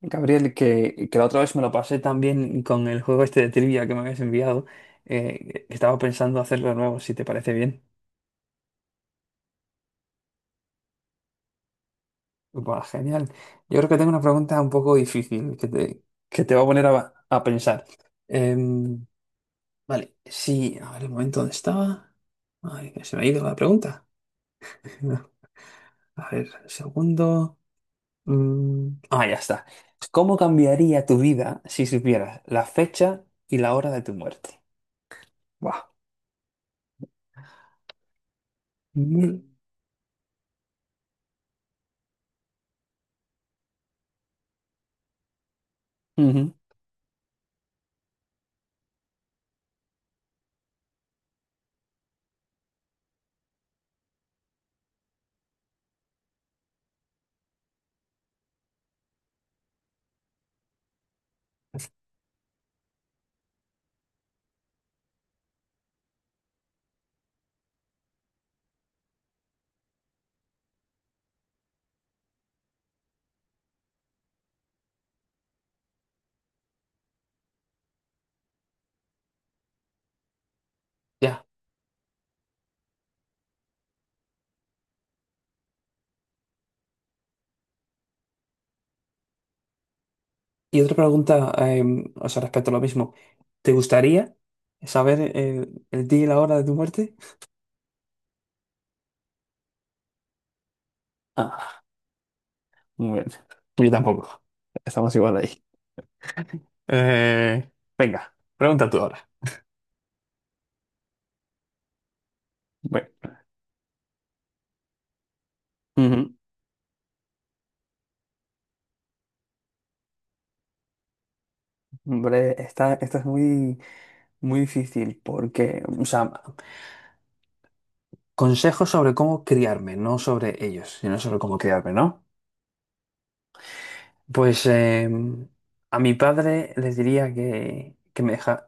Gabriel, que la otra vez me lo pasé también con el juego este de trivia que me habías enviado. Estaba pensando hacerlo de nuevo, si te parece bien. Buah, genial. Yo creo que tengo una pregunta un poco difícil que te va a poner a pensar. Em, vale, sí, a ver el momento donde estaba. Ay, que se me ha ido la pregunta. A ver, segundo. Mm, ah, ya está. ¿Cómo cambiaría tu vida si supieras la fecha y la hora de tu muerte? Buah. Mm. Ujú. Ya. Y otra pregunta, o sea, respecto a lo mismo. ¿Te gustaría saber el día y la hora de tu muerte? Ah, muy bien. Yo tampoco. Estamos igual ahí. Eh, venga, pregunta tú ahora. Bueno. Ujú. Hombre, esta es muy difícil porque, o sea, consejos sobre cómo criarme, no sobre ellos, sino sobre cómo criarme, ¿no? Pues a mi padre les diría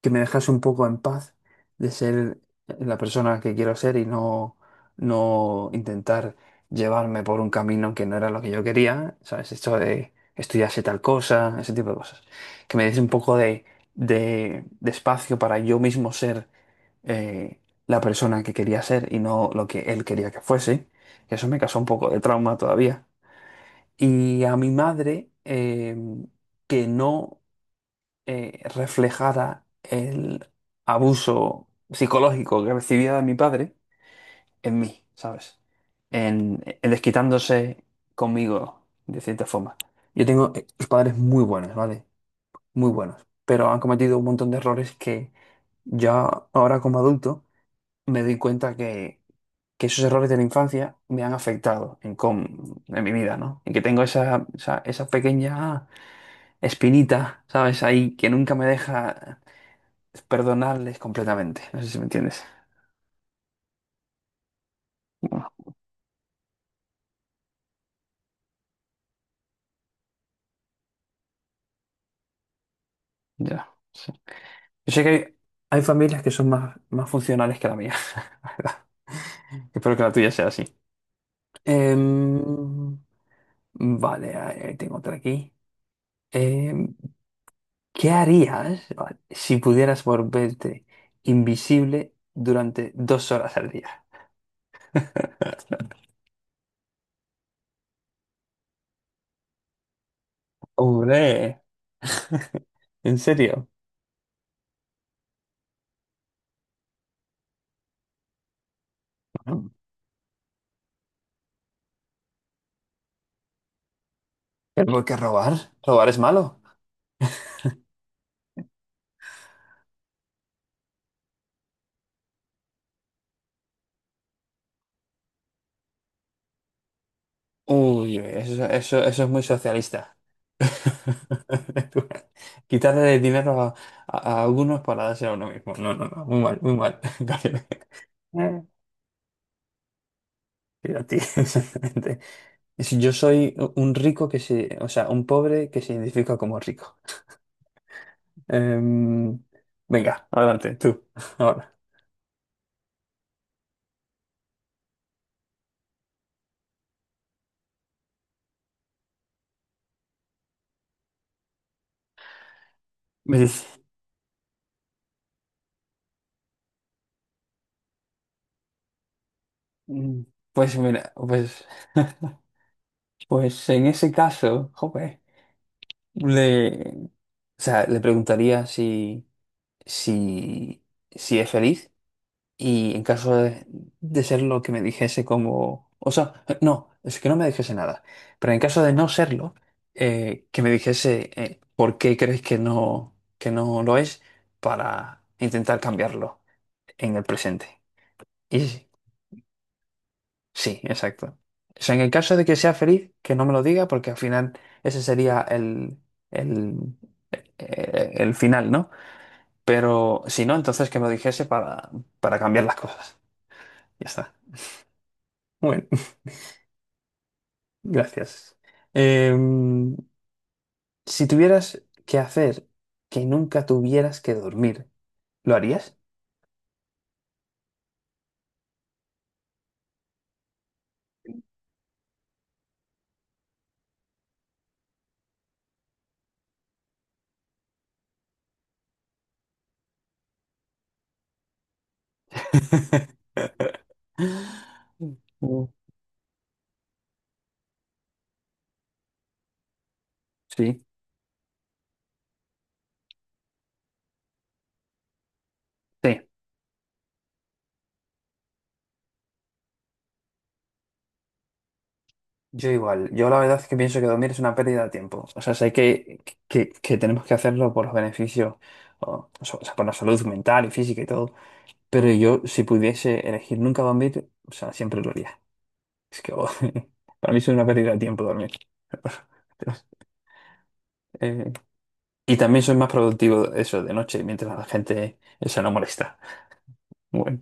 que me dejase un poco en paz de ser la persona que quiero ser y no intentar llevarme por un camino que no era lo que yo quería, ¿sabes? Esto de estudiarse tal cosa, ese tipo de cosas. Que me diese un poco de espacio para yo mismo ser eh, la persona que quería ser y no lo que él quería que fuese. Eso me causó un poco de trauma todavía. Y a mi madre, que no reflejara el abuso psicológico que recibía de mi padre en mí, ¿sabes? En desquitándose conmigo, de cierta forma. Yo tengo padres muy buenos, ¿vale? Muy buenos, pero han cometido un montón de errores que yo ahora como adulto me doy cuenta que esos errores de la infancia me han afectado en mi vida, ¿no? Y que tengo esa pequeña espinita, ¿sabes? Ahí que nunca me deja perdonarles completamente. No sé si me entiendes. Bueno, ya. Sí. Yo sé que hay familias que son más funcionales que la mía, la verdad. Espero que la tuya sea así. Em, vale, ahí tengo otra aquí. Em, ¿Qué harías, vale, si pudieras volverte invisible durante 2 horas al día? Hombre, ¿en serio? ¿Pero por qué robar? ¿Robar es malo? Uy, eso es muy socialista. Quitarle el dinero a unos para darse a uno mismo. No, no, no, muy mal, muy mal. Gabriel. Eh, Pero a ti, exactamente. Es- yo soy un rico que se, o sea, un pobre que se identifica como rico. Em, venga, adelante, tú, ahora. Me dice, mm, pues mira, pues, pues en ese caso, joder, o sea, le preguntaría si, si es feliz y en caso de ser lo que me dijese como... O sea, no, es que no me dijese nada, pero en caso de no serlo, que me dijese, por qué crees que que no lo es para intentar cambiarlo en el presente. Y sí, sí, sí, exacto. O sea, en el caso de que sea feliz, que no me lo diga porque al final ese sería el, el final, ¿no? Pero si no, entonces que me lo dijese para cambiar las cosas. Ya está. Bueno, gracias. Em, si tuvieras que hacer que nunca tuvieras que dormir, ¿lo harías? Mm. Sí. Sí. Yo igual. Yo la verdad es que pienso que dormir es una pérdida de tiempo. O sea, sé que tenemos que hacerlo por los beneficios, o sea, por la salud mental y física y todo. Pero yo, si pudiese elegir nunca dormir, o sea, siempre lo haría. Es que oh, para mí es una pérdida de tiempo dormir. Eh, y también soy más productivo eso de noche, mientras la gente se no molesta. Bueno.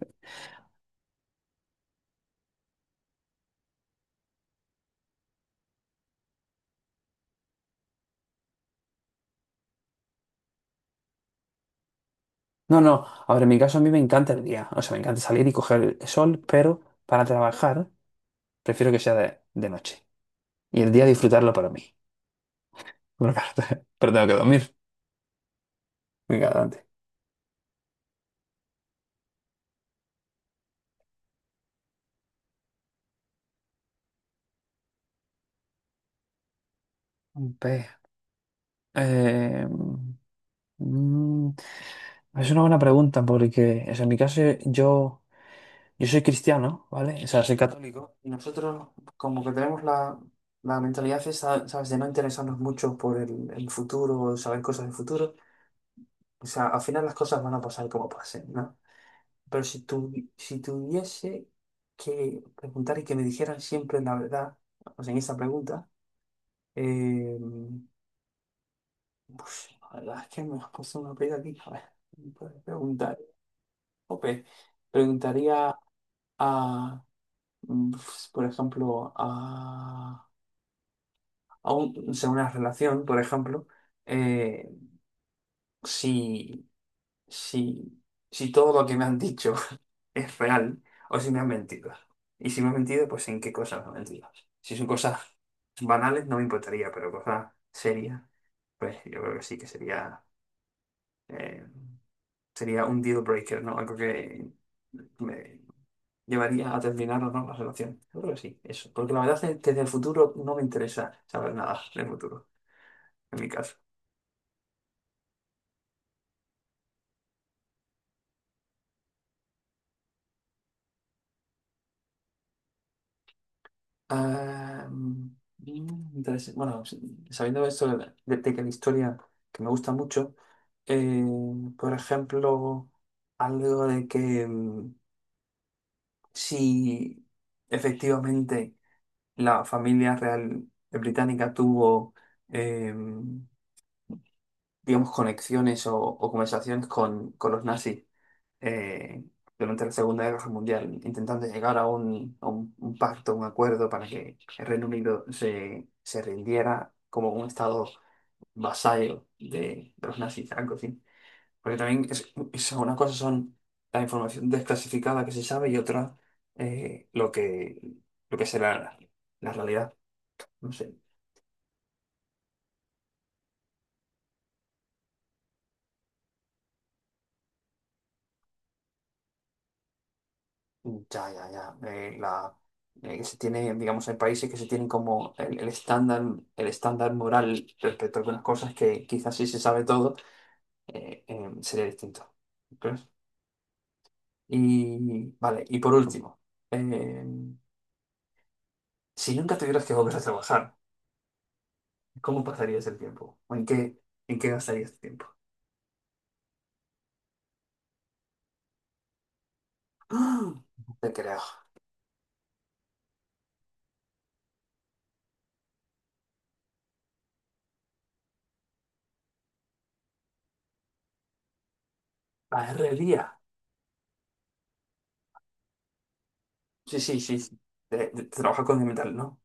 No, no, a ver, en mi caso a mí me encanta el día. O sea, me encanta salir y coger el sol, pero para trabajar prefiero que sea de noche. Y el día disfrutarlo para mí. Pero, claro, pero tengo que dormir. Venga, adelante. Ve, eh, mm, mm, es una buena pregunta porque o sea, en mi caso yo... Yo soy cristiano, ¿vale? O sea, soy católico. Y nosotros como que tenemos la mentalidad esa, ¿sabes? De no interesarnos mucho por el futuro, saber cosas del futuro. O sea, al final las cosas van a pasar como pasen, ¿no? Pero si tuviese que preguntar y que me dijeran siempre la verdad, o sea, en esta pregunta, eh, pues, la verdad es que me has puesto una pega aquí. A ver, puedes preguntar. Ope, preguntaría a, pues, por ejemplo, o sea, una relación, por ejemplo, eh, si, si, si todo lo que me han dicho es real o si me han mentido. Y si me han mentido, pues en qué cosas me han mentido. Si son cosas banales, no me importaría, pero cosas serias, pues yo creo que sí que sería, eh, sería un deal breaker, ¿no? Algo que me llevaría a terminar o no la relación. Yo creo que sí, eso. Porque la verdad es que desde el futuro no me interesa saber nada del futuro, en mi caso. Ah, mm, interes- Bueno, sabiendo esto de que la historia que me gusta mucho, eh, por ejemplo, algo de que mm, si efectivamente la familia real británica tuvo, eh, digamos, conexiones o conversaciones con los nazis, eh, durante la Segunda Guerra Mundial, intentando llegar a un, un pacto, un acuerdo para que el Reino Unido se, se rindiera como un estado vasallo de los nazis, algo así. Porque también una cosa son la información desclasificada que se sabe y otra eh, lo que, lo que será la realidad. No sé. Ya, ya, ya. Que se tiene, digamos, hay países que se tienen como el estándar moral respecto a algunas cosas que quizás si se sabe todo, sería distinto. ¿Crees? Y vale, y por último, eh, si nunca tuvieras que volver a trabajar, ¿cómo pasarías el tiempo? ¿O en qué gastarías el tiempo? ¡Ah! No te creo. La herrería. Sí, sí, sí. Sí. Trabajar con el metal, ¿no?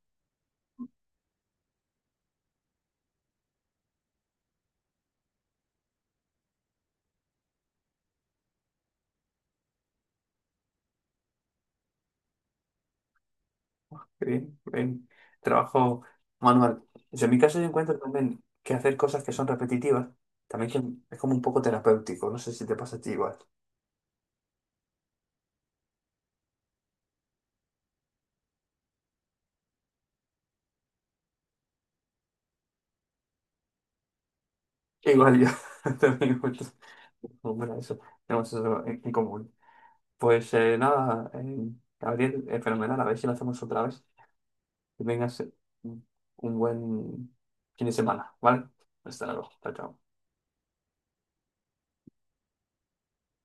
Bien, bien. Trabajo manual. Yo en mi caso yo encuentro también que hacer cosas que son repetitivas también que es como un poco terapéutico. No sé si te pasa a ti igual. Igual yo también encuentro- bueno, eso, tenemos eso en común. Pues nada, Gabriel, fenomenal. A ver si lo hacemos otra vez. Que tengas un un buen fin de semana, ¿vale? Hasta luego. Chao, chao.